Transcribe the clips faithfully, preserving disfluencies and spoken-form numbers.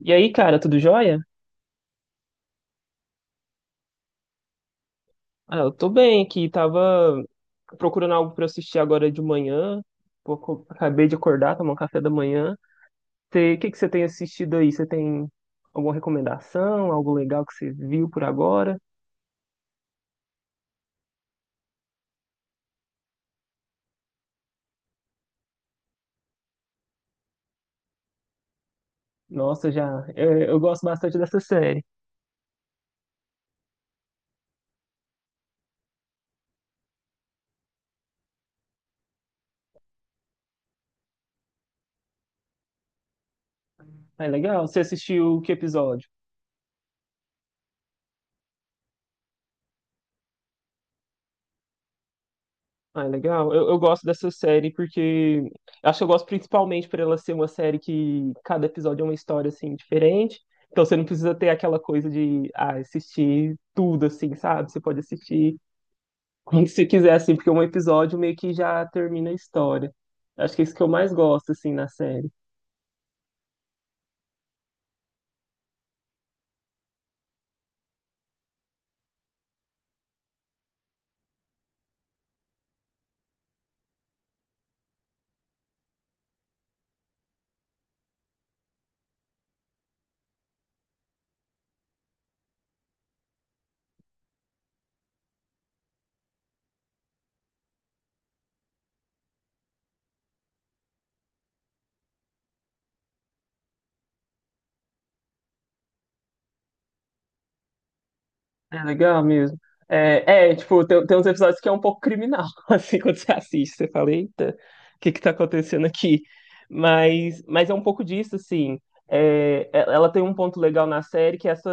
E aí, cara, tudo jóia? Ah, eu tô bem aqui, tava procurando algo pra assistir agora de manhã. Pô, co- acabei de acordar, tomar um café da manhã. Você- O que que você tem assistido aí? Você tem alguma recomendação, algo legal que você viu por agora? Nossa, já, é, eu gosto bastante dessa série. É legal? Você assistiu que episódio? Ah, é legal. Eu, eu gosto dessa série porque acho que eu gosto principalmente por ela ser uma série que cada episódio é uma história assim diferente. Então você não precisa ter aquela coisa de ah, assistir tudo assim, sabe? Você pode assistir quando você quiser assim, porque um episódio meio que já termina a história. Acho que é isso que eu mais gosto assim na série. É legal mesmo. É, é, tipo, tem, tem uns episódios que é um pouco criminal, assim, quando você assiste, você fala, eita, o que que tá acontecendo aqui? Mas, mas é um pouco disso, assim. É, e- ela tem um ponto legal na série que é essa,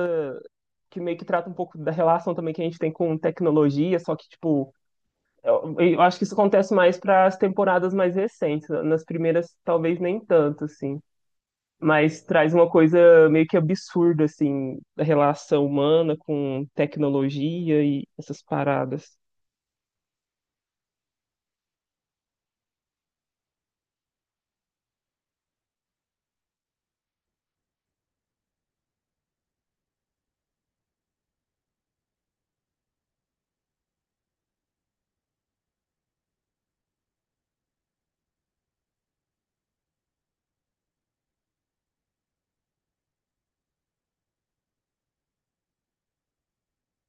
que meio que trata um pouco da relação também que a gente tem com tecnologia, só que, tipo, eu, eu acho que isso acontece mais para as temporadas mais recentes, nas primeiras talvez nem tanto, assim, mas traz uma coisa meio que absurda, assim, da relação humana com tecnologia e essas paradas.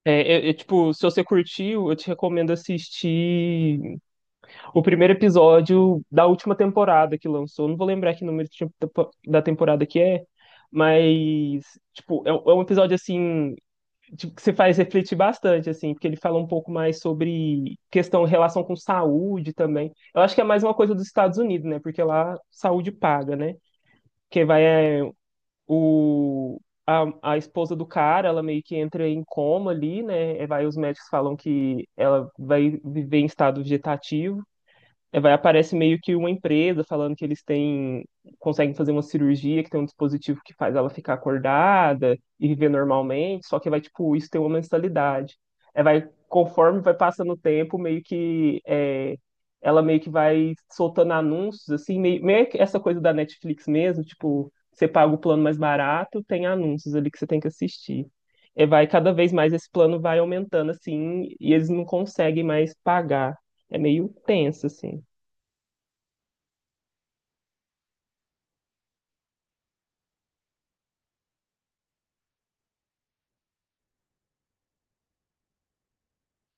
É, é- é, tipo, se você curtiu, eu te recomendo assistir o primeiro episódio da última temporada que lançou. Não vou lembrar que número de tempo- da temporada que é, mas, tipo, é, um é um episódio, assim, tipo, que se faz refletir bastante, assim, porque ele fala um pouco mais sobre questão, relação com saúde também. Eu acho que é mais uma coisa dos Estados Unidos, né? Porque lá saúde paga, né? Que vai é, o a, a esposa do cara, ela meio que entra em coma ali, né? É, vai, os médicos falam que ela vai viver em estado vegetativo. É, vai, aparece meio que uma empresa falando que eles têm, conseguem fazer uma cirurgia, que tem um dispositivo que faz ela ficar acordada e viver normalmente, só que vai, tipo, isso tem uma mensalidade. É, vai, conforme vai passando o tempo, meio que é, ela meio que vai soltando anúncios, assim, meio, meio que essa coisa da Netflix mesmo, tipo, você paga o plano mais barato, tem anúncios ali que você tem que assistir. É, vai, cada vez mais esse plano vai aumentando, assim, e eles não conseguem mais pagar. É meio tenso, assim.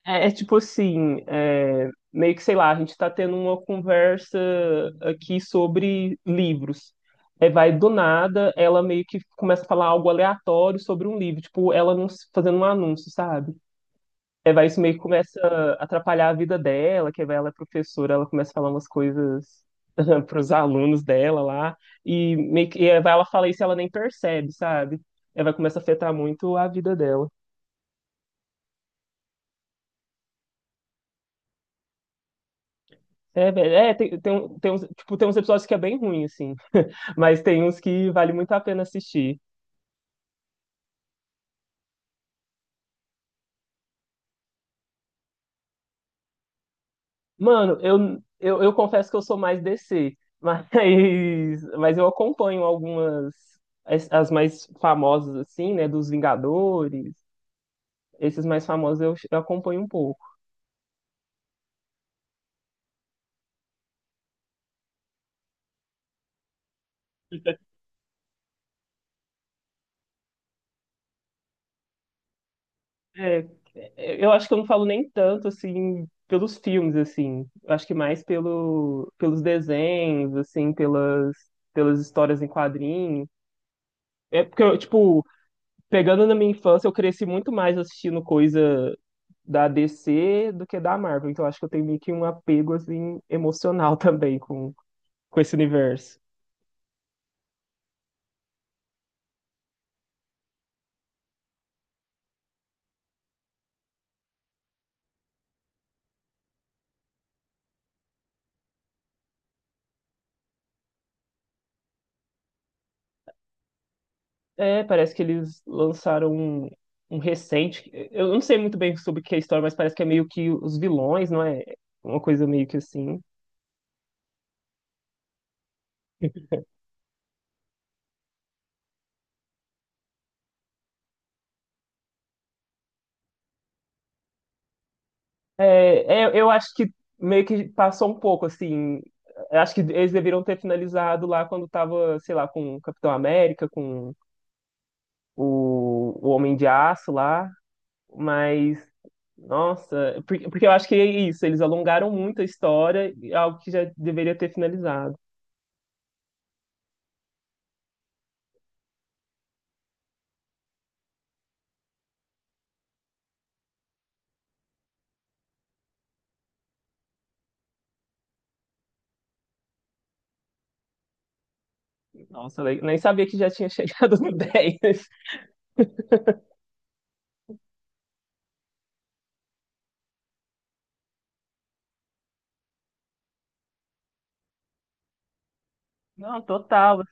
É, é tipo assim, é, meio que sei lá, a gente tá tendo uma conversa aqui sobre livros. Aí vai do nada, ela meio que começa a falar algo aleatório sobre um livro, tipo, ela não, s- fazendo um anúncio, sabe? Aí vai isso meio que começa a atrapalhar a vida dela, que aí vai ela é professora, ela começa a falar umas coisas para os alunos dela lá, e meio que e aí vai ela fala isso e ela nem percebe, sabe? Aí vai começar a afetar muito a vida dela. É, velho, é, tem, tem, um- tem, uns, tipo, tem uns episódios que é bem ruim, assim, mas tem uns que vale muito a pena assistir. Mano, eu, eu, eu confesso que eu sou mais D C, mas, mas eu acompanho algumas, as, as mais famosas, assim, né, dos Vingadores, esses mais famosos eu, eu acompanho um pouco. É, é, eu acho que eu não falo nem tanto, assim, pelos filmes, assim, eu acho que mais pelo, pelos desenhos, assim, pelas, pelas histórias em quadrinhos. É porque, tipo, pegando na minha infância, eu cresci muito mais assistindo coisa da D C do que da Marvel. Então acho que eu tenho meio que um apego assim emocional também com, com esse universo. É, parece que eles lançaram um, um recente. Eu não sei muito bem sobre o que é a história, mas parece que é meio que os vilões, não é? Uma coisa meio que assim. É, é, eu acho que meio que passou um pouco assim. Eu acho que eles deveriam ter finalizado lá quando tava, sei lá, com o Capitão América, com o, o Homem de Aço lá. Mas, nossa, porque, porque eu acho que é isso, eles alongaram muito a história, algo que já deveria ter finalizado. Nossa, le- nem sabia que já tinha chegado no dez. Não, total.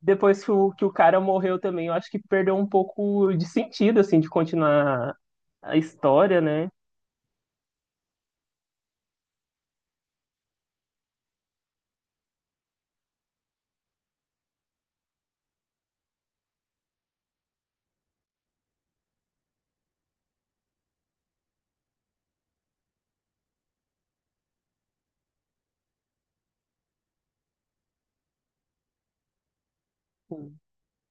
Depois que o, que o cara morreu também, eu acho que perdeu um pouco de sentido, assim, de continuar a história, né?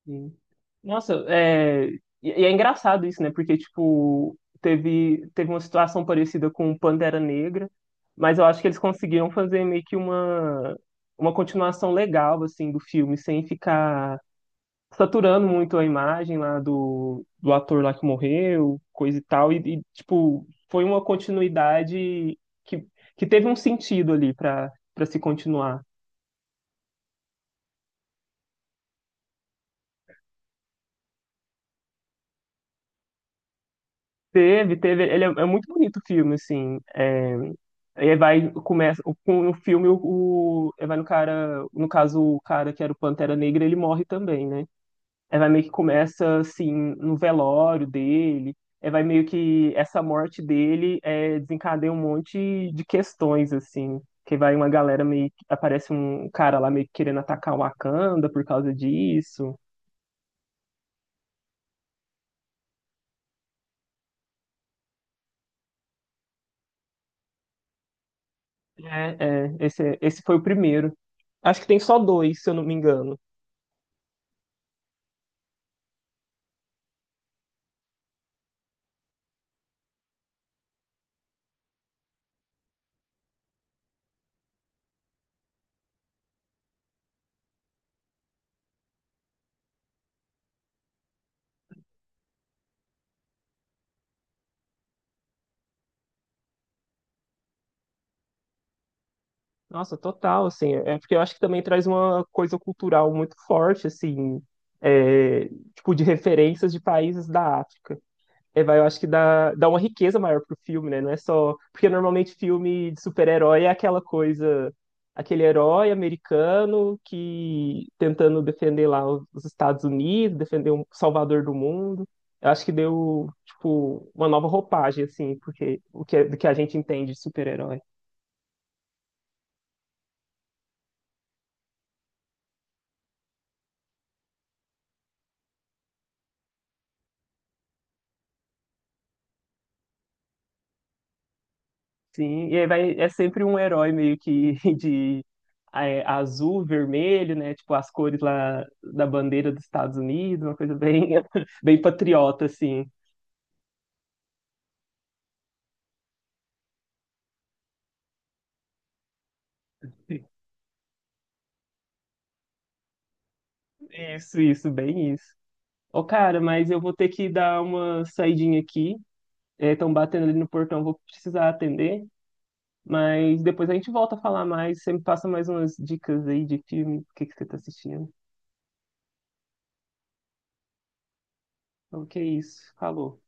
Sim. Nossa, é... E e é engraçado isso, né? Porque, tipo, teve, teve uma situação parecida com o Pantera Negra, mas eu acho que eles conseguiram fazer meio que uma, uma continuação legal, assim, do filme, sem ficar saturando muito a imagem lá do, do ator lá que morreu, coisa e tal. E, e, tipo, foi uma continuidade que, que teve um sentido ali para para se continuar. Teve, teve. Ele é, é muito bonito o filme, assim. É, ele vai, começa, com- no filme, o, o- ele vai no cara, no caso, o cara que era o Pantera Negra, ele morre também, né? Ele vai meio que começa, assim, no velório dele, ele vai meio que, essa morte dele é, desencadeia um monte de questões, assim, que vai uma galera meio, que- aparece um cara lá meio que querendo atacar o Wakanda por causa disso. É, é, esse, é- esse foi o primeiro. Acho que tem só dois, se eu não me engano. Nossa, total, assim, é porque eu acho que também traz uma coisa cultural muito forte, assim, é, tipo, de referências de países da África. É, vai, eu acho que dá, dá uma riqueza maior pro filme, né? Não é só. Porque normalmente filme de super-herói é aquela coisa, aquele herói americano que tentando defender lá os Estados Unidos, defender um salvador do mundo. Eu acho que deu, tipo, uma nova roupagem, assim, porque o que, é, do que a gente entende de super-herói. Sim, e aí vai, é sempre um herói meio que de é, azul, vermelho, né? Tipo as cores lá da bandeira dos Estados Unidos, uma coisa bem, bem patriota, assim. Isso, isso, bem isso. Ô, cara, mas eu vou ter que dar uma saidinha aqui. Estão batendo ali no portão, vou precisar atender. Mas depois a gente volta a falar mais. Você me passa mais umas dicas aí de filme, o que que você tá assistindo. Então, que é isso. Falou.